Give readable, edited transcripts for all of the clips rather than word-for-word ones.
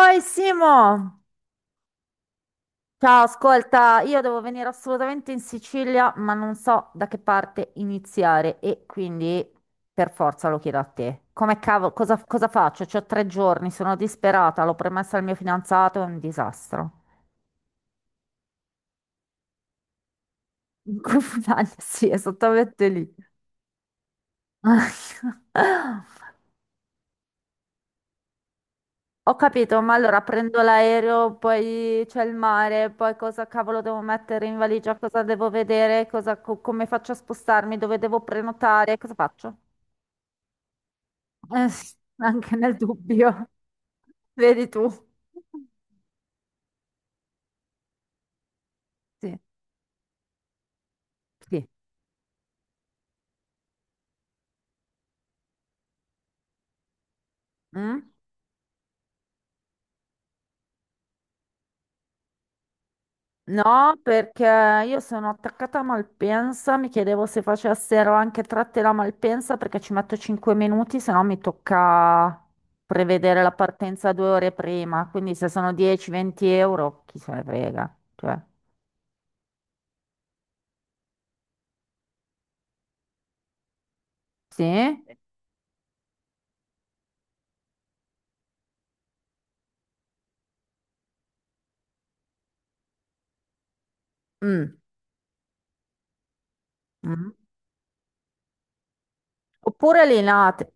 Oi Simo! Ciao, ascolta, io devo venire assolutamente in Sicilia, ma non so da che parte iniziare e quindi per forza lo chiedo a te. Come cavolo, cosa faccio? C'ho 3 giorni, sono disperata, l'ho promessa al mio fidanzato, è un disastro. In Confutaglia, sì, esattamente lì. Ho capito, ma allora prendo l'aereo, poi c'è il mare, poi cosa cavolo devo mettere in valigia, cosa devo vedere, come faccio a spostarmi, dove devo prenotare, cosa faccio? Sì, anche nel dubbio, vedi tu. Sì, sì. Mm? No, perché io sono attaccata a Malpensa, mi chiedevo se facessero anche tratte da Malpensa perché ci metto 5 minuti, se no mi tocca prevedere la partenza 2 ore prima, quindi se sono 10-20 euro, chi se ne frega. Cioè, sì? Mm, mm. Oppure Linate,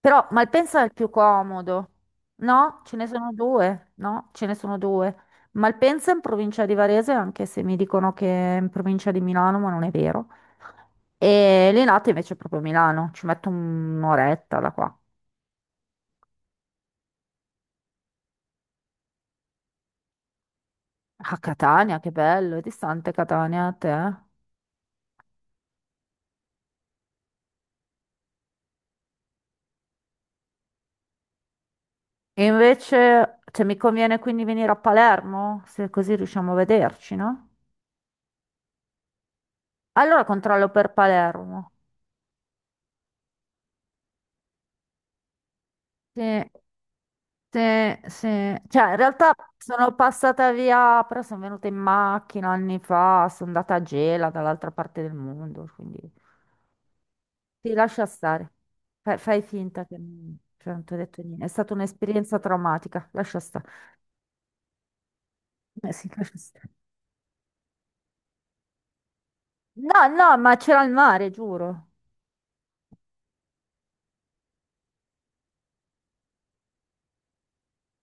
però Malpensa è il più comodo, no? Ce ne sono due, no? Ce ne sono due. Malpensa in provincia di Varese, anche se mi dicono che è in provincia di Milano, ma non è vero. E Linate invece è proprio a Milano, ci metto un'oretta da qua. A Catania, che bello, è distante Catania a te. Eh. E invece, cioè, mi conviene quindi venire a Palermo, se così riusciamo a vederci, no? Allora controllo per Palermo. Sì, sì, sì. Cioè, in realtà sono passata via, però sono venuta in macchina anni fa, sono andata a Gela, dall'altra parte del mondo, quindi... Sì, lascia stare. Fai finta che non, cioè, non ti ho detto niente. È stata un'esperienza traumatica. Lascia stare. Eh sì, lascia stare. No, no, ma c'era il mare, giuro.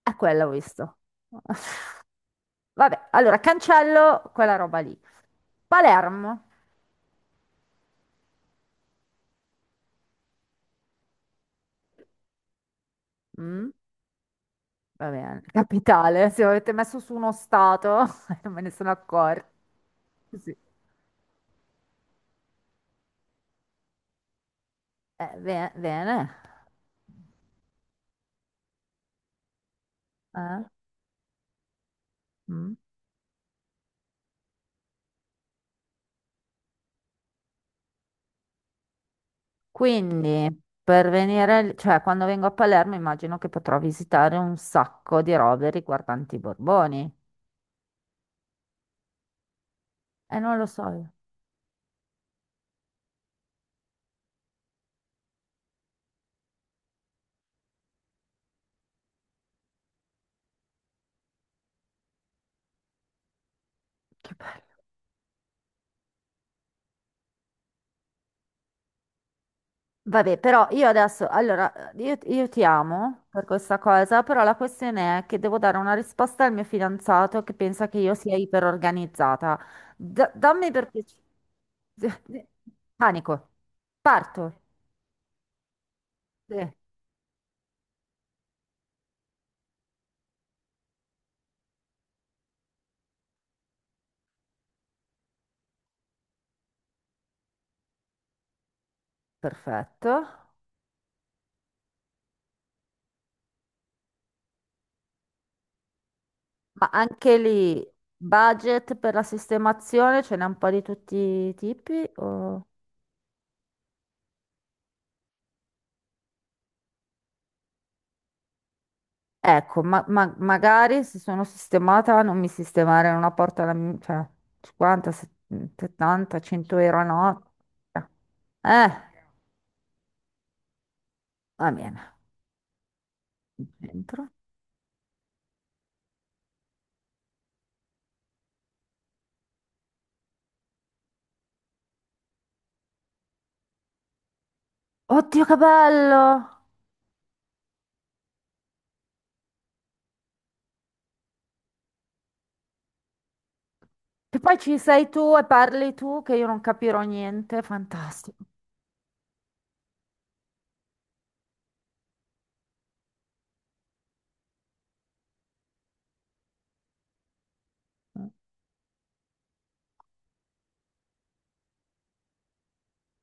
È quella ho visto. Vabbè, allora cancello quella roba lì. Palermo. Mm, va bene. Capitale. Se avete messo su uno stato, non me ne sono accorta. Sì. Bene. Eh? Mm. Quindi, per venire, cioè quando vengo a Palermo immagino che potrò visitare un sacco di robe riguardanti i Borboni. E non lo so io. Che bello. Vabbè, però io adesso, allora, io ti amo per questa cosa, però la questione è che devo dare una risposta al mio fidanzato che pensa che io sia iperorganizzata. Dammi per piacere. Panico. Parto. Sì. Perfetto. Ma anche lì, budget per la sistemazione ce n'è un po' di tutti i tipi? Ecco, magari se sono sistemata non mi sistemare una porta alla cioè 50, 70, 100 euro a notte. Eh, va bene. Dentro. Oddio, che bello! Che poi ci sei tu e parli tu che io non capirò niente, fantastico.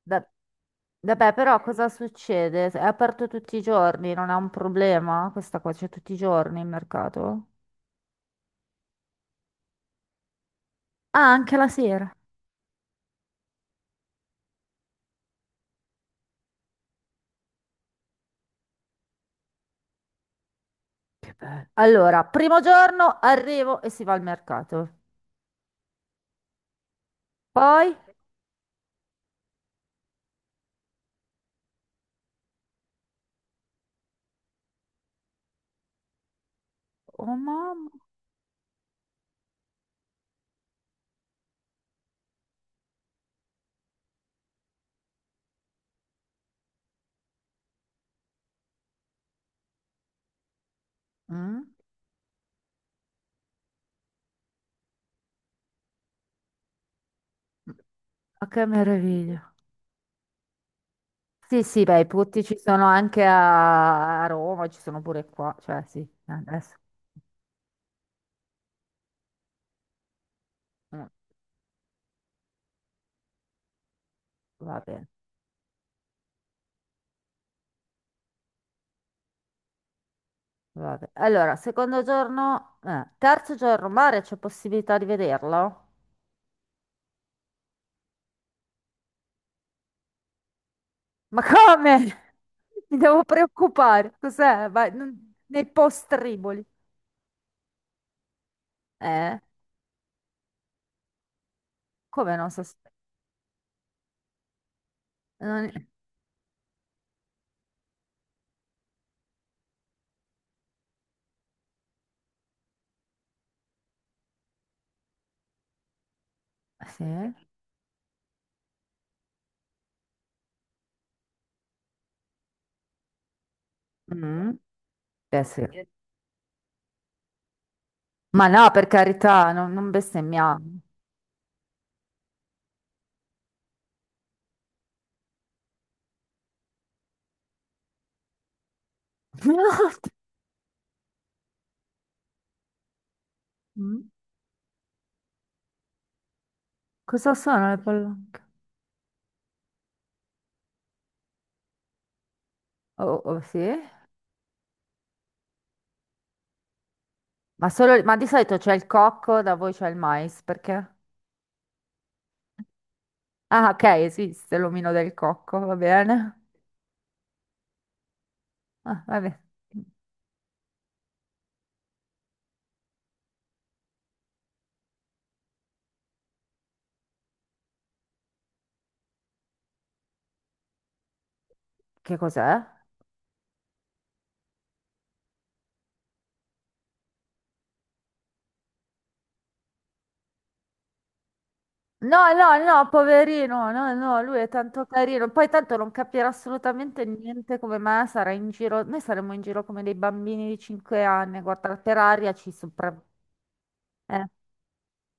Va- Vabbè, però cosa succede? È aperto tutti i giorni, non è un problema? Questa qua c'è tutti i giorni il mercato? Ah, anche la sera. Che bello. Allora, primo giorno arrivo e si va al mercato. Poi. Oh mamma. Mm? Ma che meraviglia. Sì, sì, beh, i putti ci sono anche a Roma, ci sono pure qua, cioè sì, adesso. Mm, va bene, va bene. Allora, secondo giorno, terzo giorno, mare, c'è possibilità di vederlo? Ma come? Mi devo preoccupare. Cos'è? Vai, nei postriboli. Eh? Come non so se... non- Sì? Mm? Eh sì. Ma no, per carità, non bestemmiamo. Mm? Cosa sono le polacche? Oh, oh, sì? Ma di solito c'è il cocco, da voi c'è il mais, perché? Ah, ok, esiste l'omino del cocco, va bene. Ah, va bene. Che cos'è? No, no, no, poverino, no, no, lui è tanto carino. Poi tanto non capirà assolutamente niente come me, sarà in giro, noi saremo in giro come dei bambini di 5 anni, guarda, per aria ci sopra... Eh.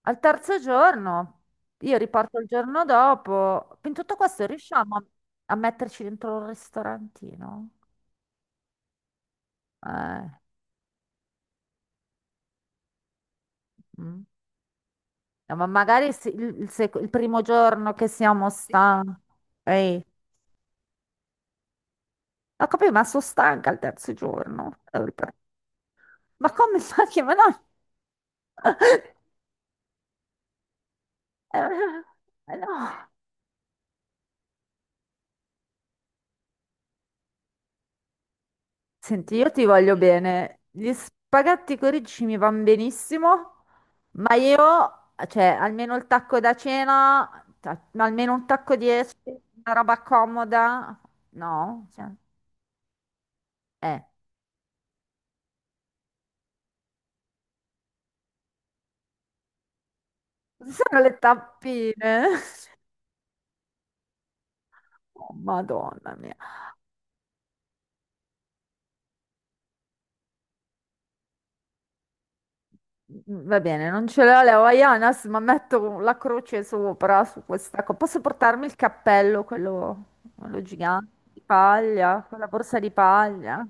Al terzo giorno, io riparto il giorno dopo, in tutto questo riusciamo a metterci dentro un ristorantino? Eh, mm. No, ma magari il primo giorno che siamo stanchi, ehi, ho capito, ma sono stanca il terzo giorno. Ma come fa che... Ma no! No. Senti, io ti voglio bene. Gli spaghetti con ricci mi vanno benissimo, ma io, cioè, almeno il tacco da cena, almeno un tacco di esche, una roba comoda. No? Cioè, eh. Cosa sono le tappine? Oh, Madonna mia. Mm, va bene, non ce l'ho le Havaianas, ma metto la croce sopra su questa cosa. Posso portarmi il cappello, quello gigante di paglia, quella borsa di paglia?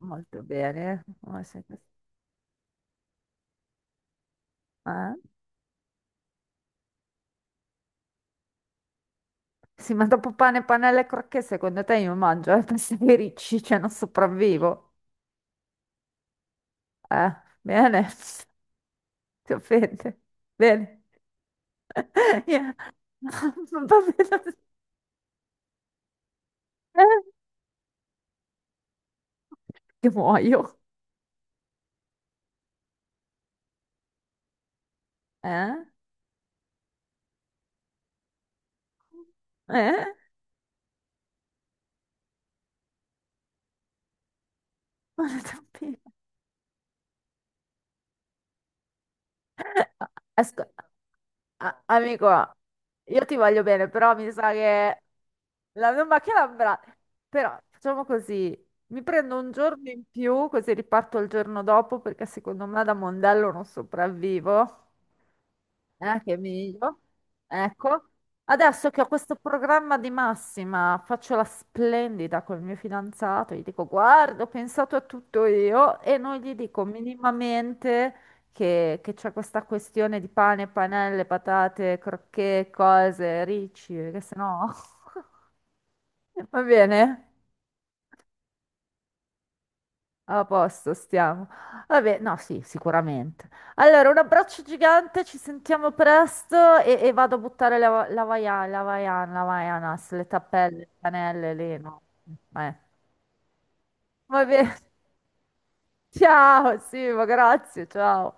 Molto bene. Eh? Sì, ma dopo pane, panelle e crocchè, secondo te io mangio, eh? Pensi che ricci, cioè non sopravvivo. Eh, bene, ti offende. Bene. Yeah. Va bene. Eh? Che muoio. Eh? Eh? Ma le tappine. Eh, Asco- amico, io ti voglio bene, però mi sa che la mia macchina avrà... Però facciamo così, mi prendo un giorno in più, così riparto il giorno dopo, perché secondo me da Mondello non sopravvivo. Che meglio. Ecco, adesso che ho questo programma di massima, faccio la splendida col mio fidanzato, gli dico, guarda, ho pensato a tutto io e non gli dico minimamente che c'è questa questione di pane, panelle, patate, crocchè, cose, ricci, perché sennò... Va bene? A posto, stiamo. Vabbè, no, sì, sicuramente. Allora, un abbraccio gigante, ci sentiamo presto e vado a buttare la vaiana, la vaianas, le tappelle, le canelle, lì, no. Eh. Va bene. Ciao, Simo, grazie, ciao.